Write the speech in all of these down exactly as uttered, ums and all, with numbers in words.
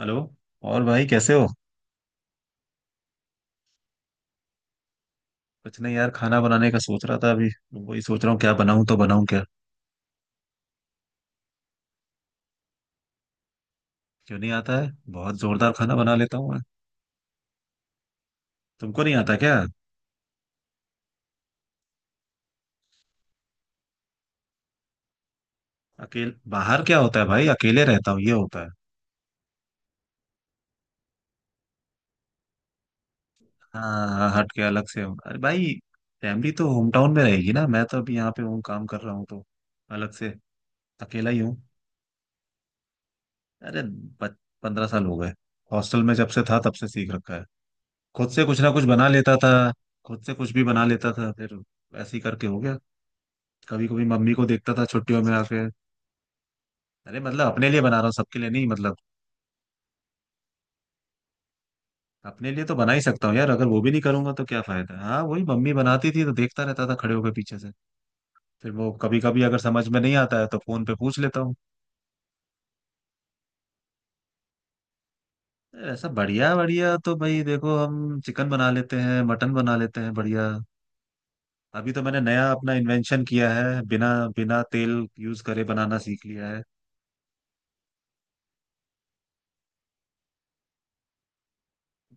Hello. और भाई कैसे हो? कुछ नहीं यार, खाना बनाने का सोच रहा था अभी। वही सोच रहा हूँ क्या बनाऊं, तो बनाऊं क्या। क्यों नहीं आता है, बहुत जोरदार खाना बना लेता हूँ मैं। तुमको नहीं आता क्या? अकेले बाहर क्या होता है भाई, अकेले रहता हूँ ये होता है। हाँ हाँ, हट के अलग से हूँ। अरे भाई, फैमिली तो होम टाउन में रहेगी ना। मैं तो अभी यहाँ पे हूँ, काम कर रहा हूँ तो अलग से अकेला ही हूँ। अरे, पंद्रह साल हो गए। हॉस्टल में जब से था तब से सीख रखा है। खुद से कुछ ना कुछ बना लेता था। खुद से कुछ भी बना लेता था फिर, ऐसे ही करके हो गया। कभी कभी मम्मी को देखता था छुट्टियों में आके। अरे मतलब अपने लिए बना रहा हूँ, सबके लिए नहीं, मतलब अपने लिए तो बना ही सकता हूँ यार। अगर वो भी नहीं करूंगा तो क्या फायदा है। हाँ, वही मम्मी बनाती थी तो देखता रहता था, खड़े होकर पीछे से। फिर वो कभी कभी अगर समझ में नहीं आता है तो फोन पे पूछ लेता हूँ। ऐसा बढ़िया बढ़िया तो भाई देखो, हम चिकन बना लेते हैं, मटन बना लेते हैं बढ़िया। अभी तो मैंने नया अपना इन्वेंशन किया है, बिना बिना तेल यूज करे बनाना सीख लिया है।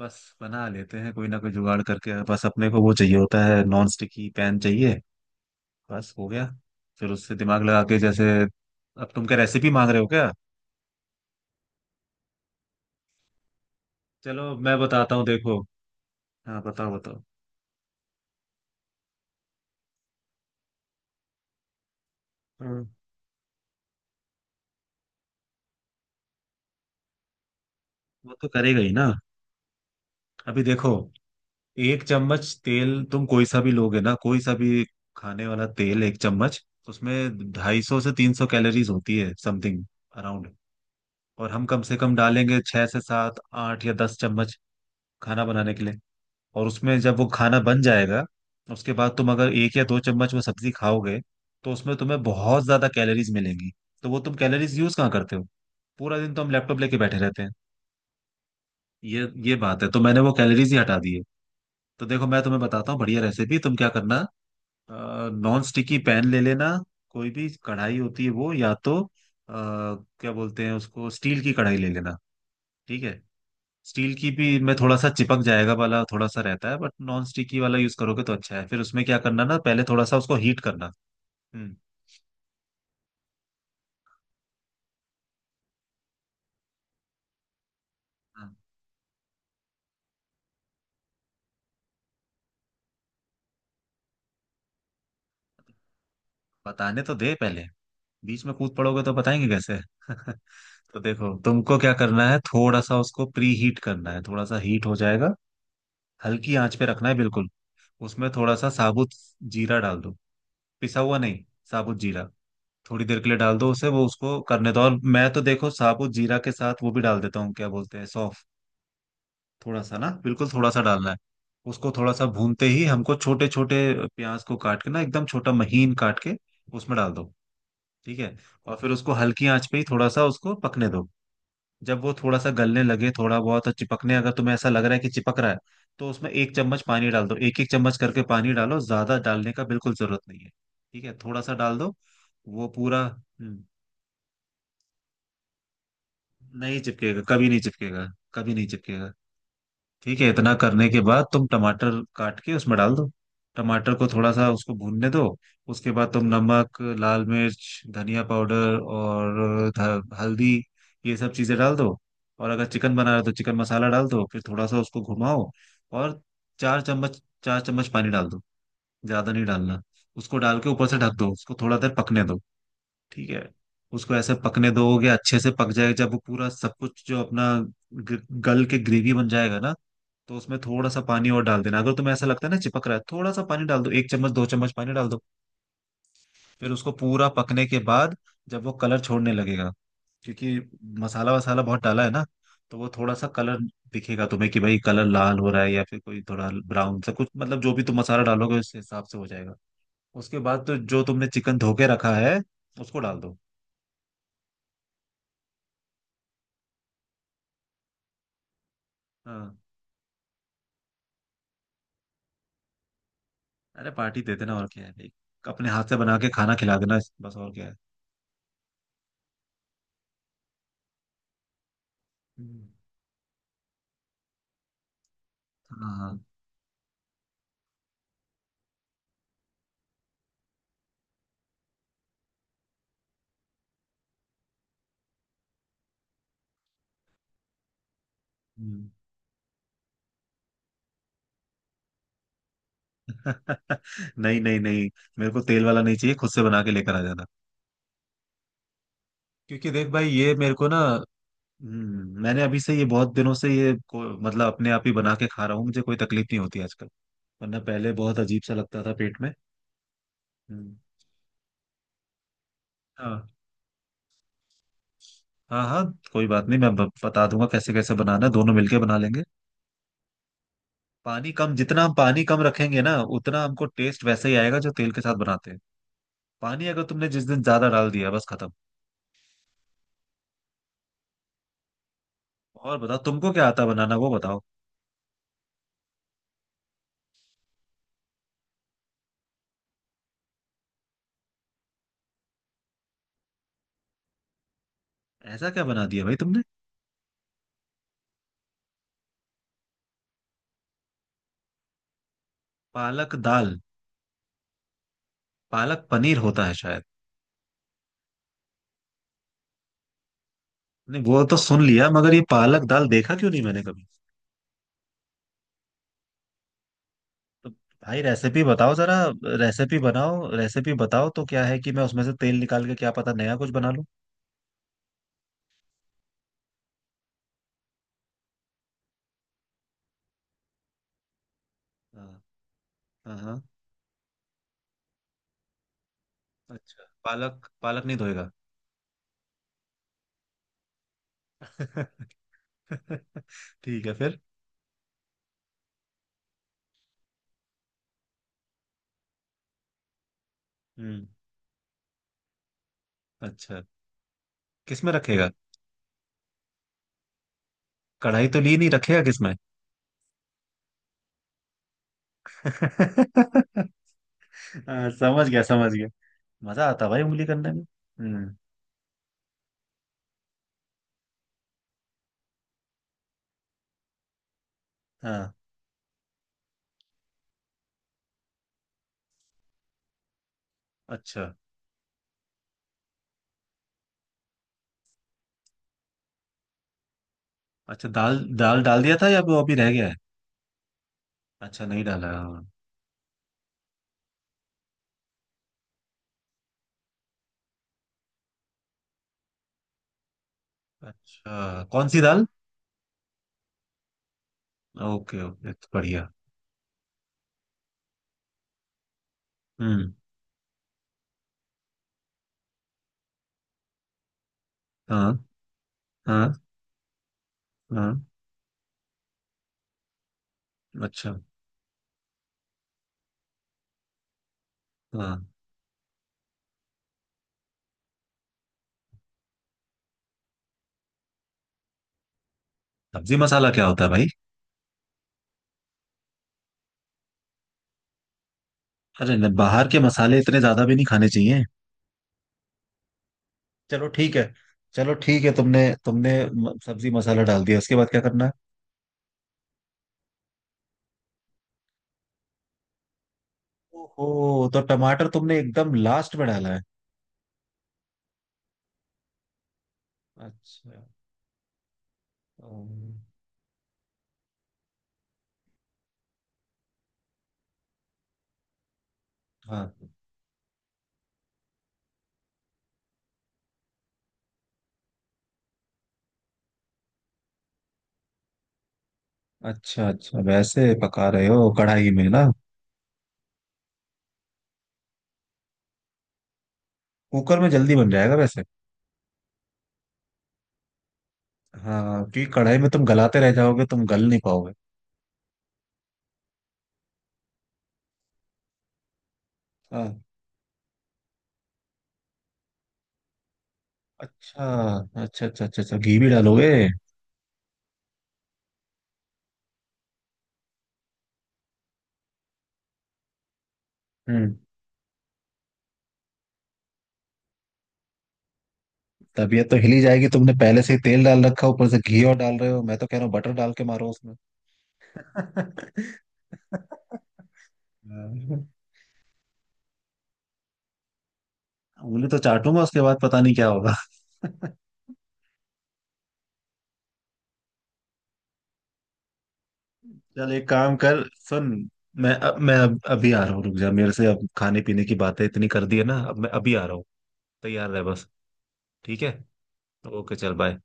बस बना लेते हैं, कोई ना कोई जुगाड़ करके। बस अपने को वो चाहिए होता है, नॉन स्टिकी पैन चाहिए, बस हो गया। फिर उससे दिमाग लगा के, जैसे अब तुम क्या रेसिपी मांग रहे हो क्या? चलो मैं बताता हूँ देखो। हाँ बताओ बताओ। हम्म। वो तो करेगा ही ना। अभी देखो, एक चम्मच तेल तुम कोई सा भी लोगे ना कोई सा भी, खाने वाला तेल एक चम्मच, उसमें ढाई सौ से तीन सौ कैलोरीज होती है, समथिंग अराउंड। और हम कम से कम डालेंगे छह से सात आठ या दस चम्मच, खाना बनाने के लिए। और उसमें जब वो खाना बन जाएगा, उसके बाद तुम अगर एक या दो चम्मच वो सब्जी खाओगे, तो उसमें तुम्हें बहुत ज्यादा कैलोरीज मिलेंगी। तो वो तुम कैलोरीज यूज कहाँ करते हो? पूरा दिन तो हम लैपटॉप लेके बैठे रहते हैं। ये ये बात है, तो मैंने वो कैलोरीज ही हटा दी है। तो देखो मैं तुम्हें बताता हूँ बढ़िया रेसिपी, तुम क्या करना, नॉन स्टिकी पैन ले लेना। कोई भी कढ़ाई होती है वो, या तो आ, क्या बोलते हैं उसको, स्टील की कढ़ाई ले लेना। ठीक है? स्टील की भी में थोड़ा सा चिपक जाएगा वाला थोड़ा सा रहता है, बट नॉन स्टिकी वाला यूज करोगे तो अच्छा है। फिर उसमें क्या करना ना, पहले थोड़ा सा उसको हीट करना। हम्म। हाँ, बताने तो दे पहले, बीच में कूद पड़ोगे तो बताएंगे कैसे तो देखो तुमको क्या करना है, थोड़ा सा उसको प्री हीट करना है, थोड़ा सा हीट हो जाएगा, हल्की आंच पे रखना है बिल्कुल। उसमें थोड़ा सा साबुत जीरा डाल दो। पिसा हुआ नहीं, साबुत जीरा। थोड़ी देर के लिए डाल दो, उसे वो उसको करने दो। और मैं तो देखो साबुत जीरा के साथ वो भी डाल देता हूँ, क्या बोलते हैं, सौंफ। थोड़ा सा ना, बिल्कुल थोड़ा सा डालना है। उसको थोड़ा सा भूनते ही हमको छोटे छोटे प्याज को काट के ना, एकदम छोटा महीन काट के, उसमें डाल दो। ठीक है? और फिर उसको हल्की आंच पे ही थोड़ा सा उसको पकने दो। जब वो थोड़ा सा गलने लगे, थोड़ा बहुत और चिपकने, अगर तुम्हें ऐसा लग रहा है कि चिपक रहा है, तो उसमें एक चम्मच पानी डाल दो। एक एक चम्मच करके पानी डालो, ज्यादा डालने का बिल्कुल जरूरत नहीं है। ठीक है, थोड़ा सा डाल दो। वो पूरा हम्म, नहीं चिपकेगा। कभी नहीं चिपकेगा, कभी नहीं चिपकेगा। ठीक है, इतना करने के बाद तुम टमाटर काट के उसमें डाल दो। टमाटर को थोड़ा सा उसको भूनने दो। उसके बाद तुम नमक, लाल मिर्च, धनिया पाउडर और ध- हल्दी, ये सब चीजें डाल दो। और अगर चिकन बना रहे हो तो चिकन मसाला डाल दो। फिर थोड़ा सा उसको घुमाओ, और चार चम्मच चार चम्मच पानी डाल दो। ज्यादा नहीं डालना। उसको डाल के ऊपर से ढक दो, उसको थोड़ा देर पकने दो। ठीक है? उसको ऐसे पकने दोगे अच्छे से पक जाएगा। जब वो पूरा सब कुछ जो अपना ग- गल के ग्रेवी बन जाएगा ना, तो उसमें थोड़ा सा पानी और डाल देना। अगर तुम्हें ऐसा लगता है ना चिपक रहा है, थोड़ा सा पानी डाल दो, एक चम्मच दो चम्मच पानी डाल दो। फिर उसको पूरा पकने के बाद, जब वो कलर छोड़ने लगेगा, क्योंकि मसाला वसाला बहुत डाला है ना, तो वो थोड़ा सा कलर दिखेगा तुम्हें कि भाई कलर लाल हो रहा है, या फिर कोई थोड़ा ब्राउन सा कुछ, मतलब जो भी तुम मसाला डालोगे उस हिसाब से हो जाएगा। उसके बाद तो जो तुमने चिकन धो के रखा है, उसको डाल दो। हाँ। अरे पार्टी दे देना, और क्या है भाई। अपने हाथ से बना के खाना खिला देना, बस और क्या है। हम्म। हाँ हाँ। हम्म। नहीं नहीं नहीं, मेरे को तेल वाला नहीं चाहिए, खुद से बना के लेकर आ जाना। क्योंकि देख भाई ये मेरे को ना, हम्म, मैंने अभी से ये बहुत दिनों से ये को, मतलब अपने आप ही बना के खा रहा हूँ, मुझे कोई तकलीफ नहीं होती आजकल। वरना पहले बहुत अजीब सा लगता था पेट में। हम्म। हाँ हाँ। हाँ, कोई बात नहीं, मैं ब- बता दूंगा कैसे कैसे बनाना है, दोनों मिलके बना लेंगे। पानी कम, जितना हम पानी कम रखेंगे ना, उतना हमको टेस्ट वैसे ही आएगा जो तेल के साथ बनाते हैं। पानी अगर तुमने जिस दिन ज्यादा डाल दिया, बस खत्म। और बताओ तुमको क्या आता है बनाना, वो बताओ। ऐसा क्या बना दिया भाई तुमने? पालक दाल। पालक पनीर होता है शायद। नहीं वो तो सुन लिया, मगर ये पालक दाल देखा क्यों नहीं मैंने कभी। तो भाई रेसिपी बताओ जरा। रेसिपी बनाओ, रेसिपी बताओ, तो क्या है कि मैं उसमें से तेल निकाल के क्या पता नया कुछ बना लूं। हाँ हाँ। हाँ, अच्छा पालक, पालक नहीं धोएगा? ठीक है फिर। हम्म। अच्छा किसमें रखेगा? कढ़ाई तो ली नहीं, रखेगा किसमें? हाँ, समझ गया समझ गया। मजा आता भाई उंगली करने में। हम्म। हाँ। अच्छा अच्छा, दाल दाल डाल दिया था या वो अभी रह गया है? अच्छा नहीं डाला है। हाँ। अच्छा कौन सी दाल? ओके ओके, तो बढ़िया। हम्म। हाँ हाँ। हाँ। अच्छा। हाँ। सब्जी मसाला क्या होता है भाई? अरे न- बाहर के मसाले इतने ज्यादा भी नहीं खाने चाहिए। चलो ठीक है। चलो ठीक है, तुमने तुमने म- सब्जी मसाला डाल दिया, उसके बाद क्या करना है? ओहो, तो टमाटर तुमने एकदम लास्ट में डाला है। अच्छा। अम, हाँ। अच्छा अच्छा, वैसे पका रहे हो कढ़ाई में ना? कुकर में जल्दी बन जाएगा वैसे। हाँ, क्योंकि कढ़ाई में तुम गलाते रह जाओगे, तुम गल नहीं पाओगे। हाँ। अच्छा अच्छा अच्छा अच्छा, अच्छा घी भी डालोगे? हम्म। तबीयत तो हिली जाएगी, तुमने पहले से ही तेल डाल रखा है, ऊपर से घी और डाल रहे हो। मैं तो कह रहा हूँ बटर डाल के मारो उसमें। हाँ। उंगली तो चाटूंगा, उसके बाद पता नहीं क्या होगा। चल एक काम कर, सुन। मैं अब मैं अब अभी आ रहा हूँ, रुक जा मेरे से। अब खाने पीने की बातें इतनी कर दी है ना, अब मैं अभी आ रहा हूँ। तैयार रह बस। ठीक है, ओके, चल बाय।